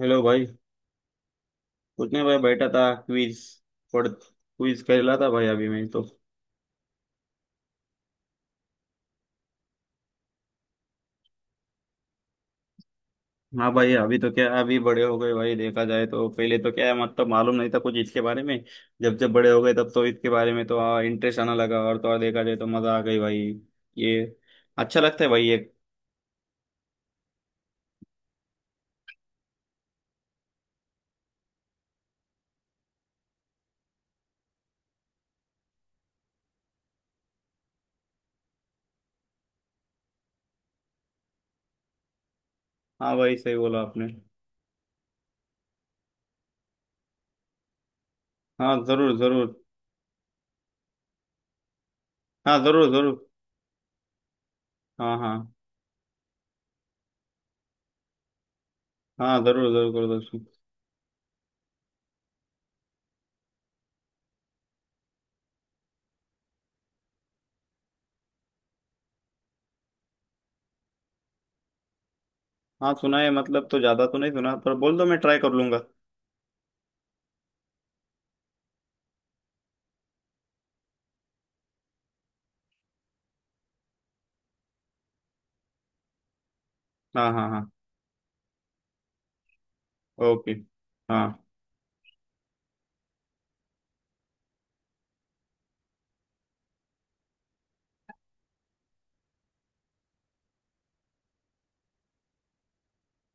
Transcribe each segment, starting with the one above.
Hello भाई। कुछ नहीं भाई, बैठा था। क्विज क्विज खेला था भाई अभी मैं तो। हाँ भाई, अभी तो क्या, अभी बड़े हो गए भाई। देखा जाए तो पहले तो क्या है, मतलब मालूम नहीं था कुछ इसके बारे में। जब जब बड़े हो गए तब तो इसके बारे में तो इंटरेस्ट आना लगा, और तो और देखा जाए तो मजा आ गई भाई ये। अच्छा लगता है भाई ये। हाँ भाई, सही बोला आपने। हाँ जरूर जरूर। हाँ जरूर जरूर। हाँ हाँ। हाँ जरूर जरूर करो दोस्तों। हाँ सुना है, मतलब तो ज्यादा तो नहीं सुना, पर बोल दो मैं ट्राई कर लूंगा। हाँ हाँ हाँ। ओके। हाँ।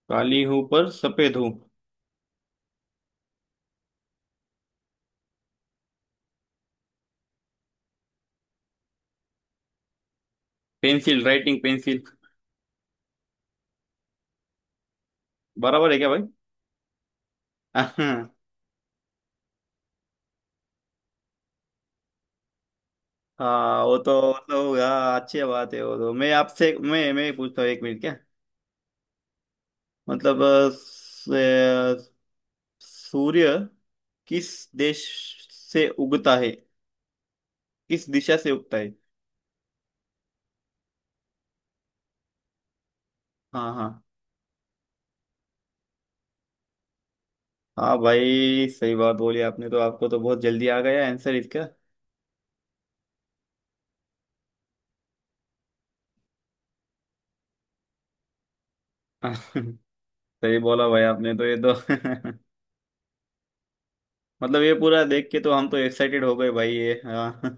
काली हूं पर सफेद हूं। Pencil, writing pencil. बराबर है क्या भाई? हाँ। हाँ, वो तो हाँ, अच्छी बात है। वो तो मैं आपसे मैं पूछता हूँ एक मिनट, क्या मतलब अ, सूर्य किस देश से उगता है किस दिशा से उगता है? हाँ हाँ। हाँ भाई, सही बात बोली आपने तो, आपको तो बहुत जल्दी आ गया आंसर इसका। सही बोला भाई आपने तो, ये तो। मतलब ये पूरा देख के तो हम तो एक्साइटेड हो गए भाई ये। हाँ।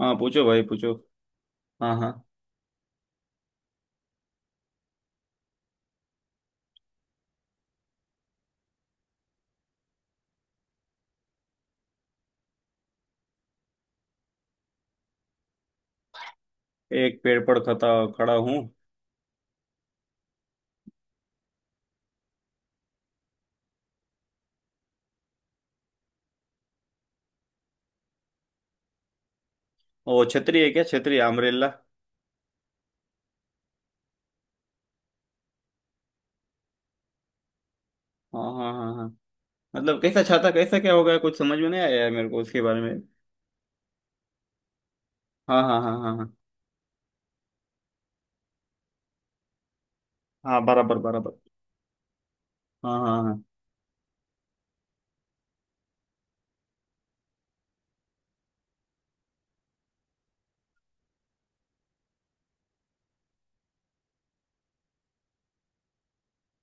हाँ पूछो भाई पूछो। हाँ हाँ। एक पेड़ पर खता खड़ा हूँ। ओ छतरी है क्या, छतरी, अम्ब्रेला। हाँ हाँ हाँ हाँ। मतलब कैसा छाता, कैसा क्या होगा, कुछ समझ में नहीं आया है मेरे को उसके बारे में। हाँ हाँ हाँ हाँ हाँ। हाँ बराबर बराबर। हाँ हाँ हाँ।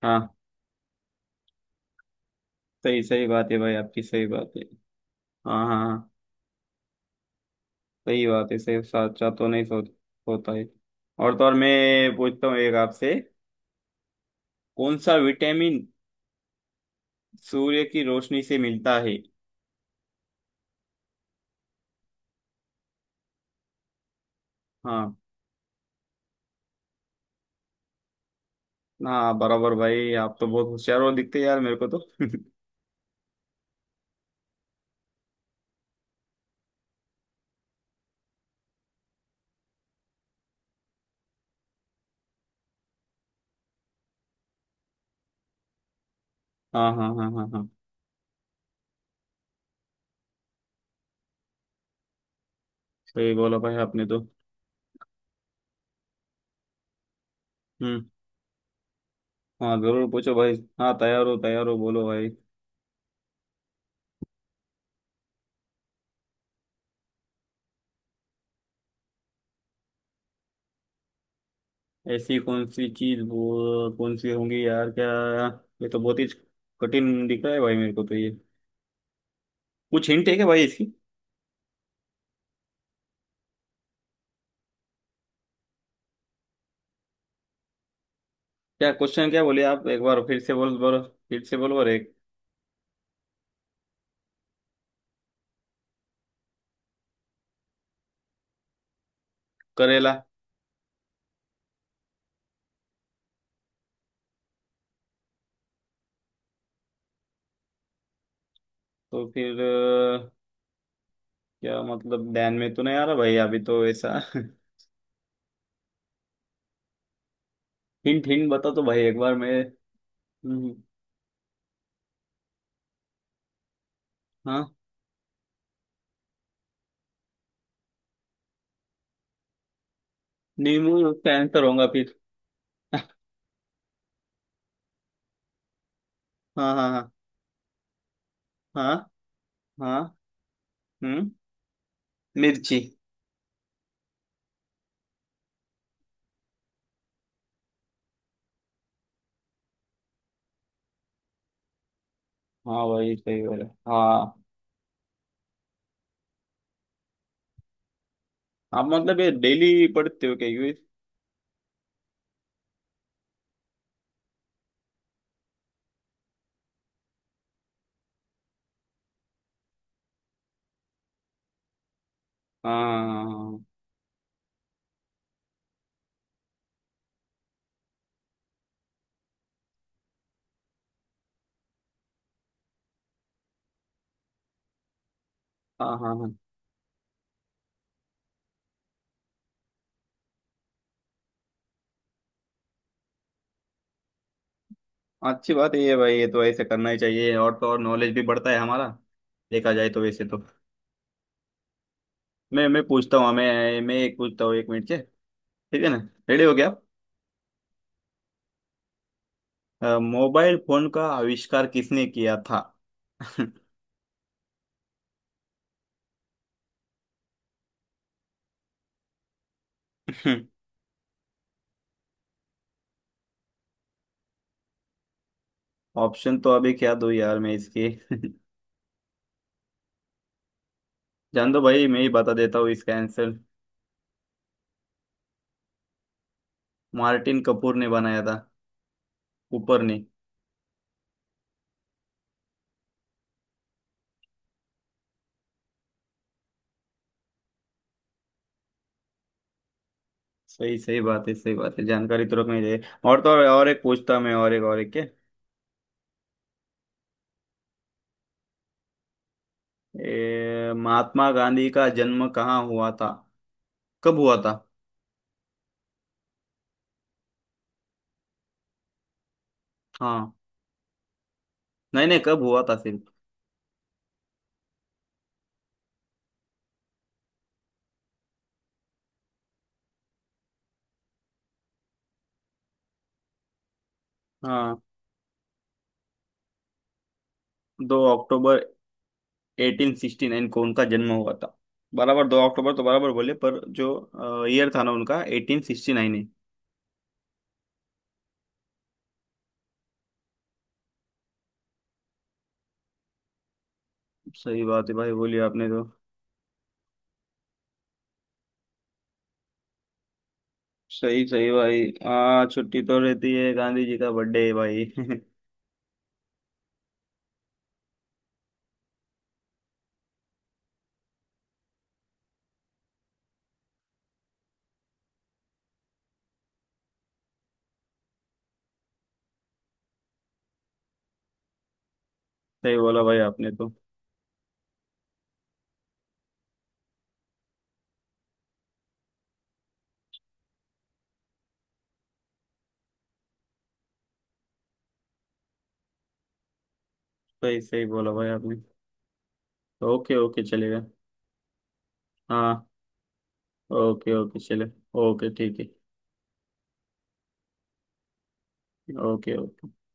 हाँ सही सही बात है भाई आपकी, सही बात है। हाँ हाँ हाँ। सही बात है, सही साचा तो नहीं होता है। और तो और मैं पूछता हूँ एक आपसे, कौन सा विटामिन सूर्य की रोशनी से मिलता है? हाँ। हाँ बराबर भाई, आप तो बहुत होशियार हो दिखते यार मेरे को तो। हाँ हाँ हाँ हाँ हाँ। सही बोला भाई आपने तो। हम्म। हाँ जरूर पूछो भाई। हाँ तैयार हो बोलो भाई। ऐसी कौन सी चीज, वो कौन सी होंगी यार क्या, ये तो बहुत ही कठिन दिख रहा है भाई मेरे को तो ये। कुछ हिंट है क्या भाई इसकी? क्या क्वेश्चन क्या बोले आप, एक बार फिर से बोलो। फिर से बोलो अरे। करेला। तो फिर क्या मतलब ध्यान में तो नहीं आ रहा भाई, अभी तो ऐसा हिंट हिंट बता तो भाई एक बार मैं। हम्म, हाँ। नींबू का आंसर होगा फिर? हाँ हाँ हाँ हाँ हाँ। हम्म। मिर्ची। हाँ भाई सही बोले हाँ। आप मतलब ये डेली पढ़ते हो क्या यूज? हाँ हाँ हाँ हाँ। अच्छी बात है ये भाई, ये तो ऐसे करना ही चाहिए, और तो और नॉलेज भी बढ़ता है हमारा। देखा जाए तो वैसे तो मैं पूछता हूँ, मैं एक पूछता हूँ एक मिनट से। ठीक है ना, रेडी हो गया? आप मोबाइल फोन का आविष्कार किसने किया था? ऑप्शन तो अभी क्या दो यार मैं इसके। जान दो भाई, मैं ही बता देता हूँ इसका आंसर। मार्टिन कपूर ने बनाया था, ऊपर ने। सही सही बात है, सही बात है, जानकारी तुरंत में है। और तो और, एक पूछता मैं और, एक और एक के महात्मा गांधी का जन्म कहाँ हुआ था, कब हुआ था? हाँ नहीं नहीं, कब हुआ था सिर्फ। हाँ। दो अक्टूबर 1869 को उनका जन्म हुआ था। बराबर दो अक्टूबर तो बराबर बोले, पर जो ईयर था ना उनका 1869 है। सही बात है भाई बोलिए आपने तो। सही सही भाई हाँ, छुट्टी तो रहती है, गांधी जी का बर्थडे है भाई। सही बोला भाई आपने तो। सही सही बोला भाई आपने। ओके ओके चलेगा। हाँ। ओके ओके चले। ओके ठीक है। Okay okay.